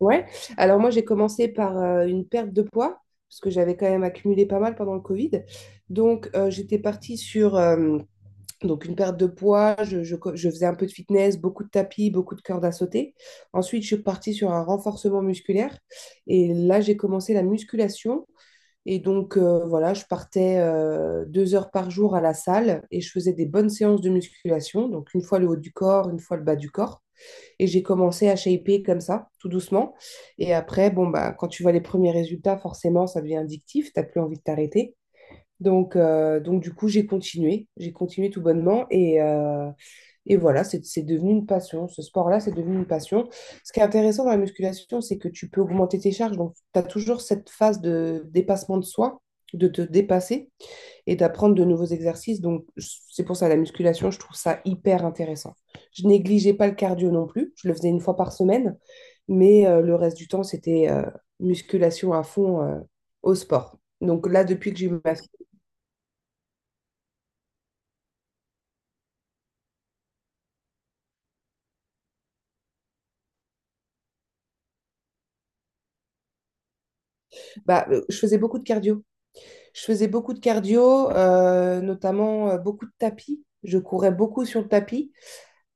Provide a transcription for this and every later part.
Ouais. Alors moi, j'ai commencé par une perte de poids, parce que j'avais quand même accumulé pas mal pendant le Covid. Donc, j'étais partie sur donc une perte de poids. Je faisais un peu de fitness, beaucoup de tapis, beaucoup de cordes à sauter. Ensuite, je suis partie sur un renforcement musculaire. Et là, j'ai commencé la musculation. Et donc, voilà, je partais 2 heures par jour à la salle et je faisais des bonnes séances de musculation. Donc, une fois le haut du corps, une fois le bas du corps. Et j'ai commencé à shaper comme ça, tout doucement. Et après, bon, bah, quand tu vois les premiers résultats, forcément, ça devient addictif, t'as plus envie de t'arrêter. Donc, du coup, j'ai continué, tout bonnement et voilà, c'est devenu une passion. Ce sport-là, c'est devenu une passion. Ce qui est intéressant dans la musculation, c'est que tu peux augmenter tes charges. Donc, tu as toujours cette phase de dépassement de soi, de te dépasser et d'apprendre de nouveaux exercices. Donc, c'est pour ça la musculation, je trouve ça hyper intéressant. Je négligeais pas le cardio non plus, je le faisais une fois par semaine, mais le reste du temps, c'était musculation à fond au sport. Donc là, depuis que j'ai eu ma fille, bah, je faisais beaucoup de cardio. Je faisais beaucoup de cardio, notamment beaucoup de tapis. Je courais beaucoup sur le tapis.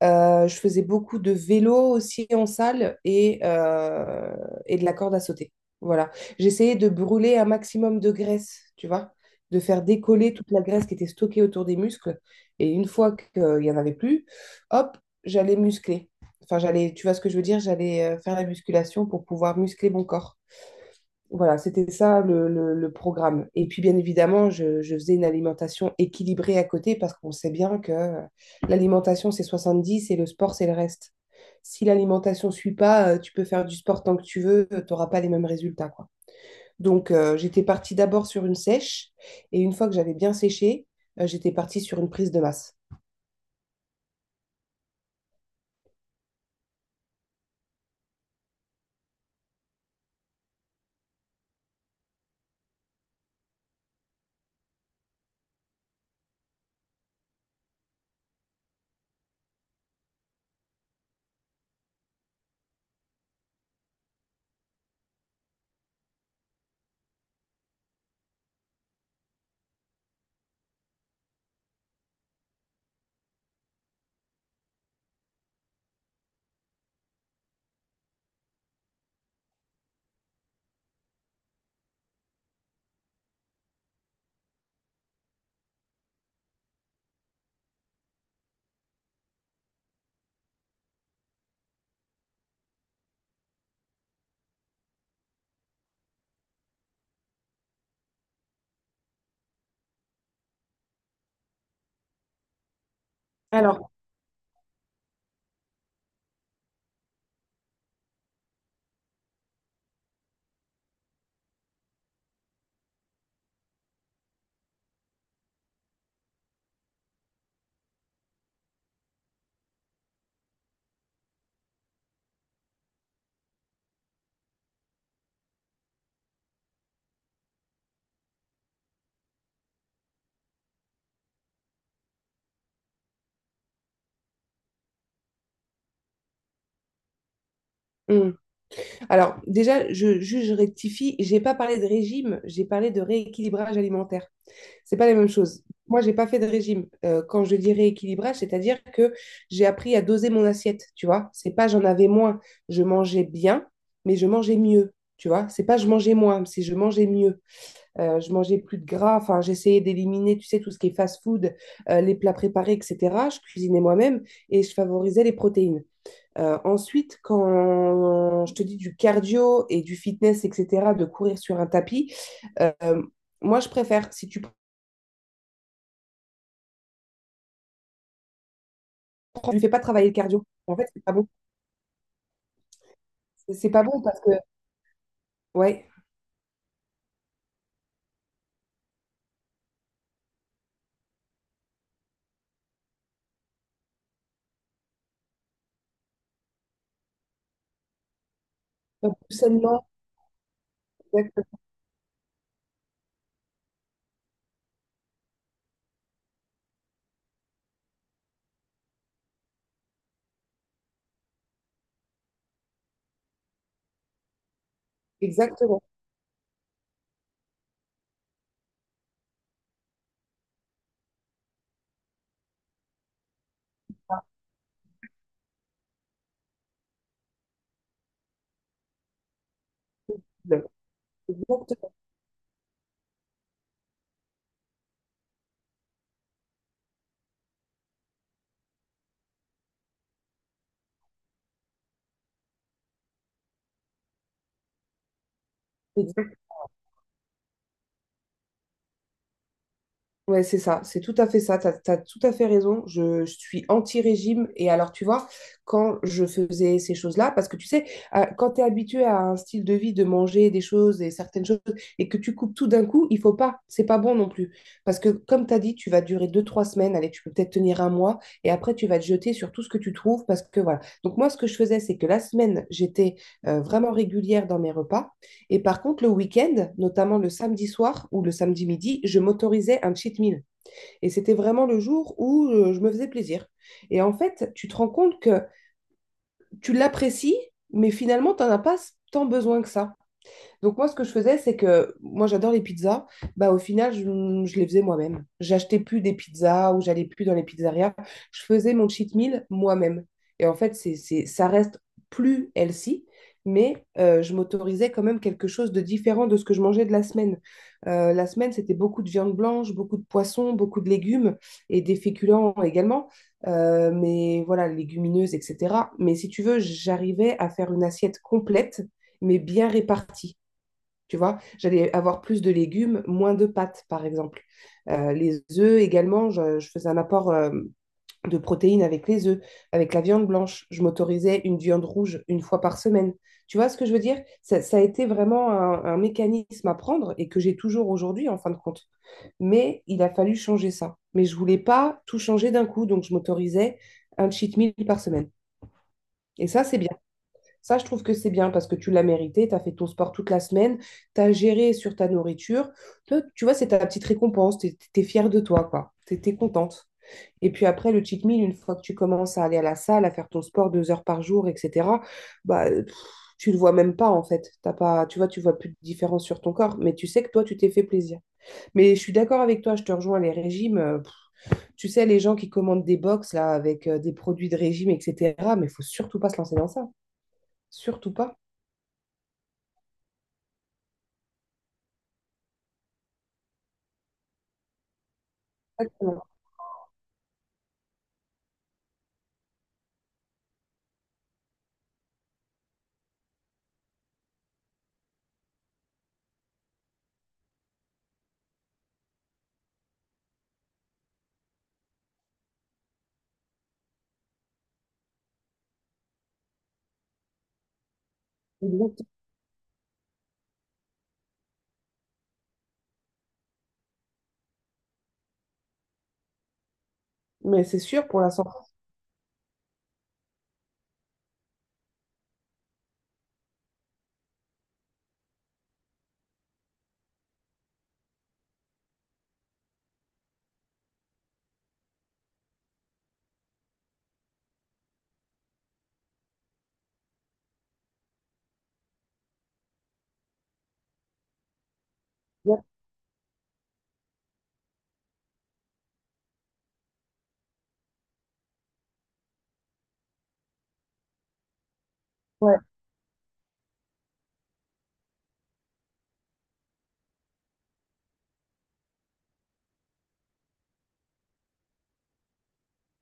Je faisais beaucoup de vélo aussi en salle et de la corde à sauter. Voilà. J'essayais de brûler un maximum de graisse, tu vois, de faire décoller toute la graisse qui était stockée autour des muscles. Et une fois qu'il n'y en avait plus, hop, j'allais muscler. Enfin, j'allais, tu vois ce que je veux dire, j'allais faire la musculation pour pouvoir muscler mon corps. Voilà, c'était ça le programme. Et puis, bien évidemment, je faisais une alimentation équilibrée à côté parce qu'on sait bien que l'alimentation, c'est 70 et le sport, c'est le reste. Si l'alimentation ne suit pas, tu peux faire du sport tant que tu veux, tu n'auras pas les mêmes résultats, quoi. Donc, j'étais partie d'abord sur une sèche et une fois que j'avais bien séché, j'étais partie sur une prise de masse. Alors, hum, alors, déjà, juste, je rectifie, j'ai pas parlé de régime, j'ai parlé de rééquilibrage alimentaire. C'est pas la même chose. Moi, j'ai pas fait de régime. Quand je dis rééquilibrage, c'est-à-dire que j'ai appris à doser mon assiette, tu vois. C'est pas j'en avais moins, je mangeais bien, mais je mangeais mieux, tu vois. C'est pas je mangeais moins, c'est je mangeais mieux. Je mangeais plus de gras, enfin, j'essayais d'éliminer, tu sais, tout ce qui est fast-food, les plats préparés, etc. Je cuisinais moi-même et je favorisais les protéines. Ensuite, quand je te dis du cardio et du fitness, etc., de courir sur un tapis, euh, moi, je préfère, si tu je lui fais pas travailler le cardio. En fait, c'est pas bon. C'est pas bon parce que, ouais, un plus sainement, exact- exactement. Exactement. Ouais, c'est ça, c'est tout à fait ça, t'as tout à fait raison, je suis anti-régime et alors tu vois, quand je faisais ces choses-là, parce que tu sais, quand tu es habitué à un style de vie de manger des choses et certaines choses et que tu coupes tout d'un coup, il faut pas, c'est pas bon non plus, parce que comme tu as dit, tu vas durer 2, 3 semaines, allez, tu peux peut-être tenir un mois et après tu vas te jeter sur tout ce que tu trouves parce que voilà. Donc moi, ce que je faisais, c'est que la semaine, j'étais vraiment régulière dans mes repas et par contre, le week-end, notamment le samedi soir ou le samedi midi, je m'autorisais un cheat meal. Et c'était vraiment le jour où je me faisais plaisir. Et en fait, tu te rends compte que tu l'apprécies, mais finalement, tu n'en as pas tant besoin que ça. Donc moi, ce que je faisais, c'est que moi, j'adore les pizzas. Bah, au final, je les faisais moi-même. J'achetais plus des pizzas ou j'allais plus dans les pizzerias. Je faisais mon cheat meal moi-même. Et en fait, ça reste plus healthy, mais je m'autorisais quand même quelque chose de différent de ce que je mangeais de la semaine. La semaine, c'était beaucoup de viande blanche, beaucoup de poissons, beaucoup de légumes et des féculents également, mais voilà, légumineuses, etc. Mais si tu veux, j'arrivais à faire une assiette complète, mais bien répartie. Tu vois, j'allais avoir plus de légumes, moins de pâtes, par exemple. Les œufs également, je faisais un apport de protéines avec les œufs, avec la viande blanche. Je m'autorisais une viande rouge une fois par semaine. Tu vois ce que je veux dire? Ça a été vraiment un mécanisme à prendre et que j'ai toujours aujourd'hui, en fin de compte. Mais il a fallu changer ça. Mais je voulais pas tout changer d'un coup, donc je m'autorisais un cheat meal par semaine. Et ça, c'est bien. Ça, je trouve que c'est bien parce que tu l'as mérité, tu as fait ton sport toute la semaine, tu as géré sur ta nourriture. Toi, tu vois, c'est ta petite récompense, tu es fière de toi, quoi. Tu es contente. Et puis après, le cheat meal, une fois que tu commences à aller à la salle, à faire ton sport 2 heures par jour, etc., bah, pff, tu le vois même pas, en fait. T'as pas, tu vois plus de différence sur ton corps, mais tu sais que toi, tu t'es fait plaisir. Mais je suis d'accord avec toi, je te rejoins, les régimes, pff, tu sais, les gens qui commandent des box là avec des produits de régime, etc. Mais il faut surtout pas se lancer dans ça. Surtout pas. Exactement. Exact- Mais c'est sûr pour la santé. Ouais, ouais,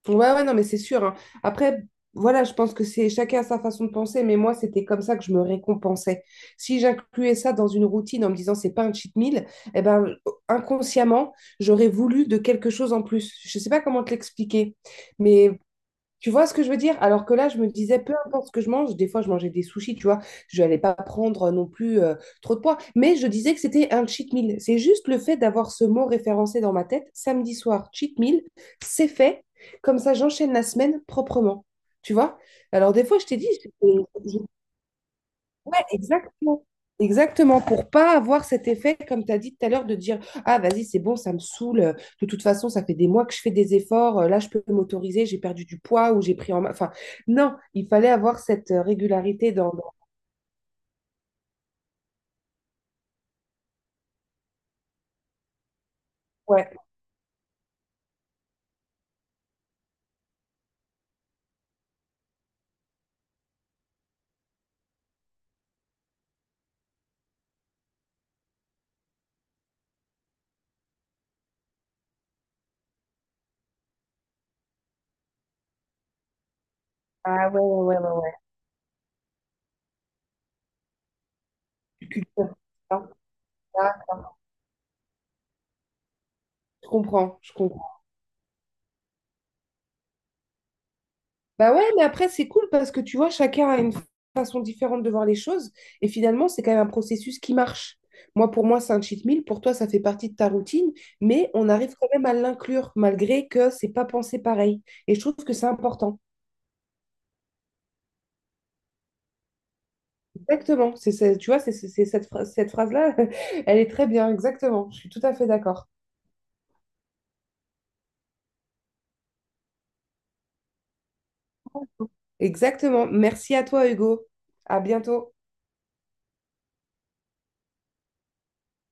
ouais, non, mais c'est sûr, hein. Après, voilà, je pense que c'est chacun a sa façon de penser, mais moi, c'était comme ça que je me récompensais. Si j'incluais ça dans une routine en me disant c'est pas un cheat meal, eh ben, inconsciemment, j'aurais voulu de quelque chose en plus. Je sais pas comment te l'expliquer, mais tu vois ce que je veux dire? Alors que là, je me disais, peu importe ce que je mange, des fois, je mangeais des sushis, tu vois, je n'allais pas prendre non plus trop de poids. Mais je disais que c'était un cheat meal. C'est juste le fait d'avoir ce mot référencé dans ma tête, samedi soir, cheat meal, c'est fait. Comme ça, j'enchaîne la semaine proprement. Tu vois? Alors des fois, je t'ai dit, ouais, exactement. Exactement, pour pas avoir cet effet, comme tu as dit tout à l'heure, de dire, ah, vas-y, c'est bon, ça me saoule. De toute façon, ça fait des mois que je fais des efforts. Là je peux m'autoriser, j'ai perdu du poids ou j'ai pris en main. Enfin, non, il fallait avoir cette régularité dans. Ouais. Ah, ouais, ouais, ouais, ouais, ouais. Tu culpabilises, hein. Ah, je comprends, je comprends. Bah ouais, mais après, c'est cool parce que tu vois, chacun a une façon différente de voir les choses. Et finalement, c'est quand même un processus qui marche. Moi, pour moi, c'est un cheat meal. Pour toi, ça fait partie de ta routine. Mais on arrive quand même à l'inclure, malgré que c'est pas pensé pareil. Et je trouve que c'est important. Exactement. Tu vois, c'est cette phrase-là, elle est très bien. Exactement. Je suis tout à fait d'accord. Exactement. Merci à toi, Hugo. À bientôt.